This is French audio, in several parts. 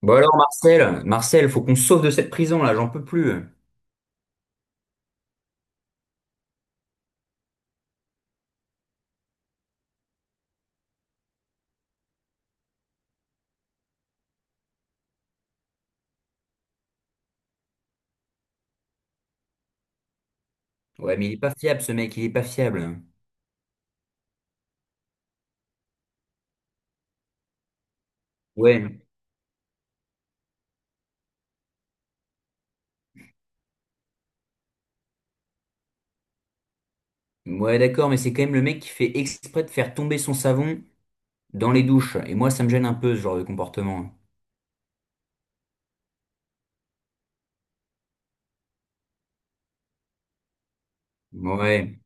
Bon alors Marcel, Marcel, faut qu'on se sauve de cette prison là, j'en peux plus. Ouais, mais il est pas fiable ce mec, il est pas fiable. Ouais, ouais d'accord, mais c'est quand même le mec qui fait exprès de faire tomber son savon dans les douches. Et moi, ça me gêne un peu ce genre de comportement. Ouais,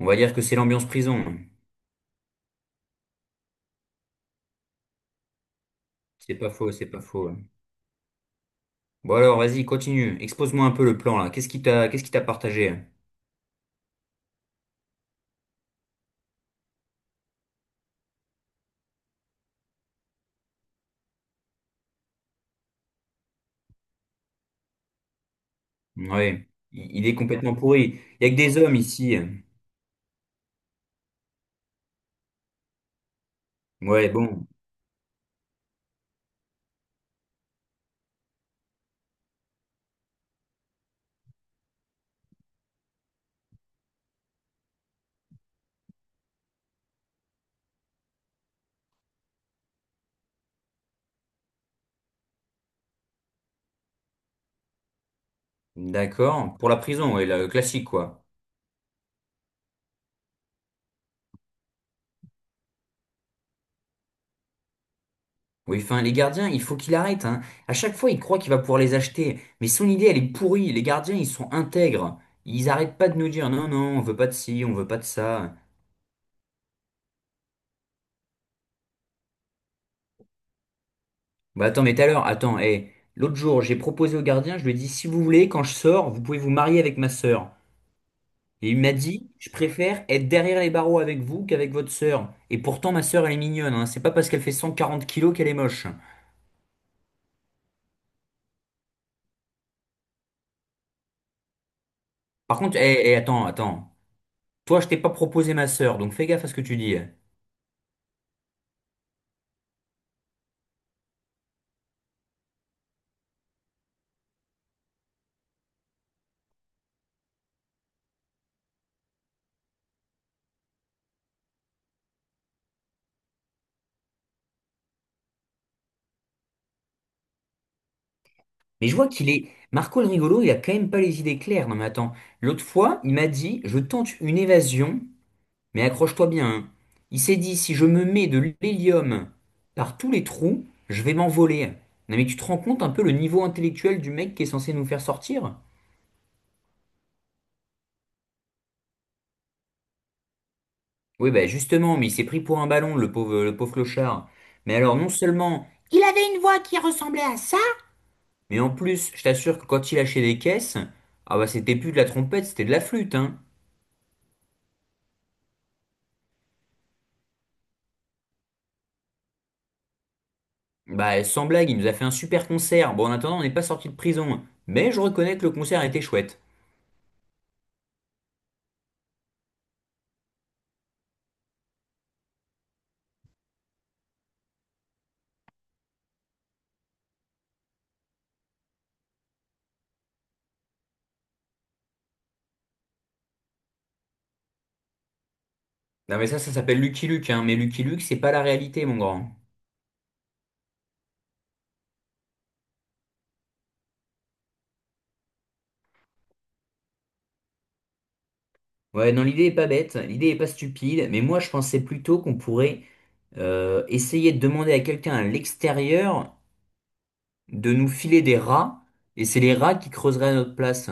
on va dire que c'est l'ambiance prison. C'est pas faux, c'est pas faux. Bon alors, vas-y, continue. Expose-moi un peu le plan là. Qu'est-ce qui t'a partagé? Ouais, il est complètement pourri. Il y a que des hommes ici. Ouais, bon, d'accord. Pour la prison, ouais, le classique quoi. Oui, enfin, les gardiens, il faut qu'il arrête, hein. À chaque fois, il croit qu'il va pouvoir les acheter. Mais son idée, elle est pourrie. Les gardiens, ils sont intègres. Ils arrêtent pas de nous dire, non, non, on veut pas de ci, on veut pas de ça. Bah attends, mais tout à l'heure, attends, hé. L'autre jour, j'ai proposé au gardien, je lui ai dit, si vous voulez, quand je sors, vous pouvez vous marier avec ma sœur. Et il m'a dit, je préfère être derrière les barreaux avec vous qu'avec votre sœur. Et pourtant, ma sœur, elle est mignonne, hein. C'est pas parce qu'elle fait 140 kilos qu'elle est moche. Par contre, hé, hé, attends. Toi, je t'ai pas proposé ma sœur, donc fais gaffe à ce que tu dis. Mais je vois qu'il est. Marco le rigolo, il a quand même pas les idées claires. Non, mais attends. L'autre fois, il m'a dit, je tente une évasion, mais accroche-toi bien, hein. Il s'est dit, si je me mets de l'hélium par tous les trous, je vais m'envoler. Non, mais tu te rends compte un peu le niveau intellectuel du mec qui est censé nous faire sortir? Oui, bah justement, mais il s'est pris pour un ballon, le pauvre clochard. Mais alors, non seulement il avait une voix qui ressemblait à ça, mais en plus, je t'assure que quand il lâchait des caisses, ah bah c'était plus de la trompette, c'était de la flûte, hein. Bah, sans blague, il nous a fait un super concert. Bon, en attendant, on n'est pas sorti de prison. Mais je reconnais que le concert était chouette. Non, mais ça s'appelle Lucky Luke, hein. Mais Lucky Luke, c'est pas la réalité, mon grand. Ouais, non, l'idée est pas bête, l'idée est pas stupide. Mais moi, je pensais plutôt qu'on pourrait essayer de demander à quelqu'un à l'extérieur de nous filer des rats. Et c'est les rats qui creuseraient à notre place.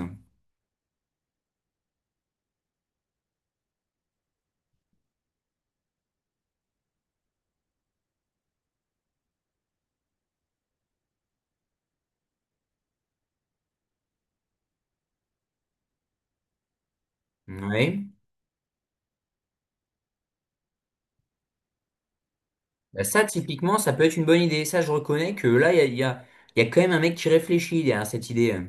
Ouais. Bah, ça, typiquement, ça peut être une bonne idée. Ça, je reconnais que là, il y a quand même un mec qui réfléchit derrière cette idée.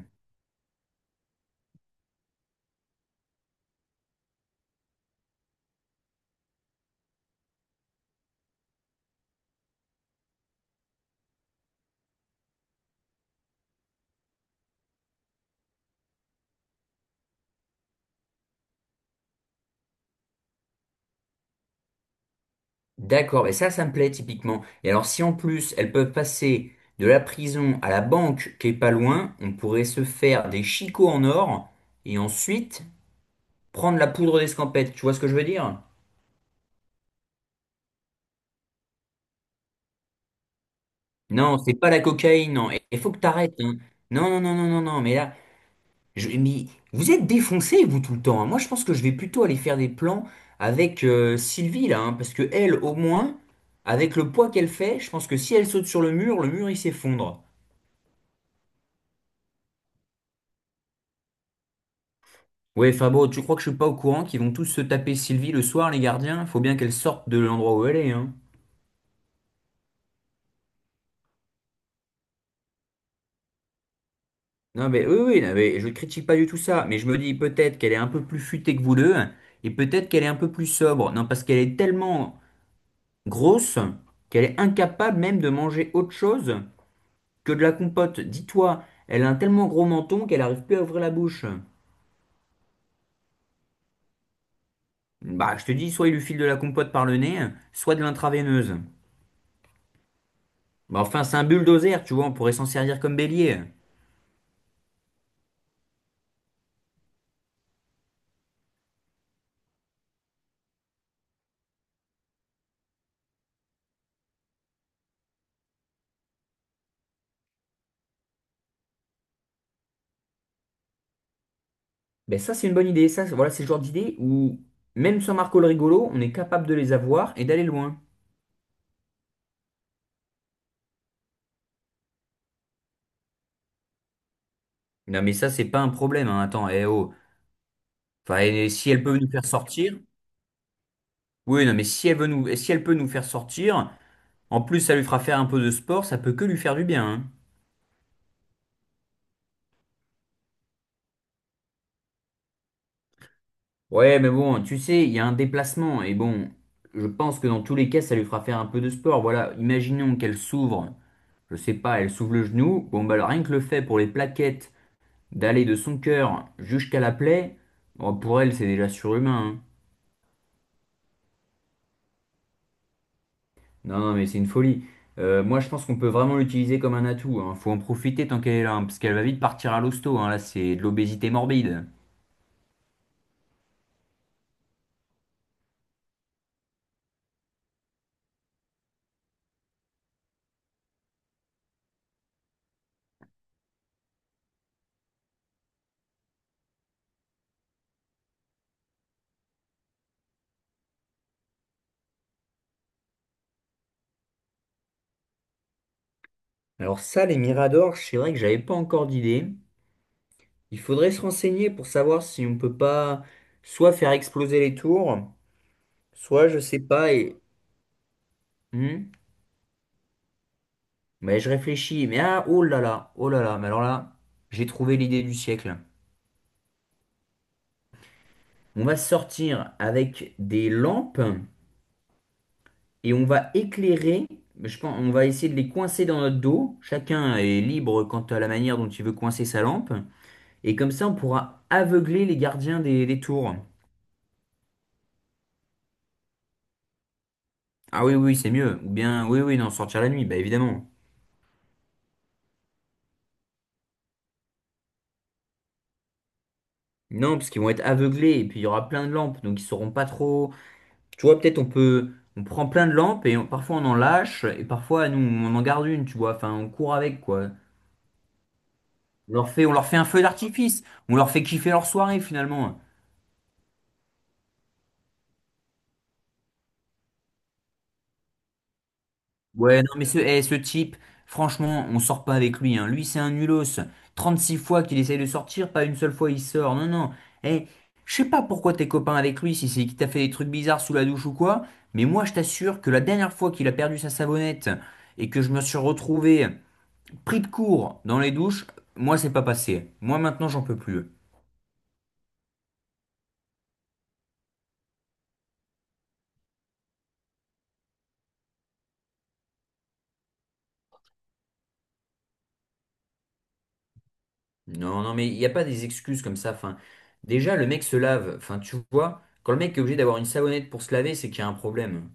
D'accord, mais ça me plaît typiquement. Et alors, si en plus elles peuvent passer de la prison à la banque qui est pas loin, on pourrait se faire des chicots en or et ensuite prendre la poudre d'escampette. Tu vois ce que je veux dire? Non, c'est pas la cocaïne, non. Et il faut que t'arrêtes, hein. Non, non, non, non, non, non. Mais là, je, mais vous êtes défoncés, vous, tout le temps, hein. Moi, je pense que je vais plutôt aller faire des plans avec Sylvie, là, hein, parce que elle, au moins, avec le poids qu'elle fait, je pense que si elle saute sur le mur, il s'effondre. Ouais, Fabo, tu crois que je suis pas au courant qu'ils vont tous se taper Sylvie le soir, les gardiens? Faut bien qu'elle sorte de l'endroit où elle est, hein. Non, mais oui, oui, non, mais je ne critique pas du tout ça, mais je me dis peut-être qu'elle est un peu plus futée que vous deux, et peut-être qu'elle est un peu plus sobre. Non, parce qu'elle est tellement grosse qu'elle est incapable même de manger autre chose que de la compote. Dis-toi, elle a un tellement gros menton qu'elle arrive plus à ouvrir la bouche. Bah, je te dis, soit il lui file de la compote par le nez, soit de l'intraveineuse. Bah, enfin, c'est un bulldozer, tu vois, on pourrait s'en servir comme bélier. Ben ça, c'est une bonne idée. Ça, c'est- voilà, c'est le genre d'idée où, même sans Marco le rigolo, on est capable de les avoir et d'aller loin. Non, mais ça, c'est pas un problème, hein. Attends, eh oh. Enfin, eh, si elle peut nous faire sortir. Oui, non, mais si elle veut nous, eh, si elle peut nous faire sortir, en plus, ça lui fera faire un peu de sport, ça peut que lui faire du bien, hein. Ouais, mais bon, tu sais, il y a un déplacement. Et bon, je pense que dans tous les cas, ça lui fera faire un peu de sport. Voilà, imaginons qu'elle s'ouvre. Je sais pas, elle s'ouvre le genou. Bon, bah, rien que le fait pour les plaquettes d'aller de son cœur jusqu'à la plaie, bon, pour elle, c'est déjà surhumain, hein. Non, non, mais c'est une folie. Moi, je pense qu'on peut vraiment l'utiliser comme un atout, hein. Faut en profiter tant qu'elle est là, hein, parce qu'elle va vite partir à l'hosto, hein. Là, c'est de l'obésité morbide. Alors ça, les miradors, c'est vrai que j'avais pas encore d'idée. Il faudrait se renseigner pour savoir si on peut pas soit faire exploser les tours, soit je sais pas et... Hmm. Mais je réfléchis, mais ah, oh là là, oh là là, mais alors là, j'ai trouvé l'idée du siècle. On va sortir avec des lampes et on va éclairer. Je pense, on va essayer de les coincer dans notre dos. Chacun est libre quant à la manière dont il veut coincer sa lampe. Et comme ça, on pourra aveugler les gardiens des tours. Ah oui, oui, c'est mieux. Ou bien, oui, oui, non, sortir la nuit, bah évidemment. Non, parce qu'ils vont être aveuglés et puis il y aura plein de lampes, donc ils sauront pas trop. Tu vois, on prend plein de lampes et on- parfois on en lâche et parfois nous on en garde une, tu vois. Enfin, on court avec quoi. On leur fait un feu d'artifice. On leur fait kiffer leur soirée, finalement. Ouais, non, mais ce type, franchement, on sort pas avec lui, hein. Lui, c'est un nulos. 36 fois qu'il essaye de sortir, pas une seule fois il sort. Non, non. Eh, je sais pas pourquoi t'es copain avec lui, si c'est qu'il t'a fait des trucs bizarres sous la douche ou quoi, mais moi, je t'assure que la dernière fois qu'il a perdu sa savonnette et que je me suis retrouvé pris de court dans les douches, moi, c'est pas passé. Moi, maintenant, j'en peux plus. Non, non, mais il n'y a pas des excuses comme ça. Enfin, déjà, le mec se lave. Enfin, tu vois, quand le mec est obligé d'avoir une savonnette pour se laver, c'est qu'il y a un problème.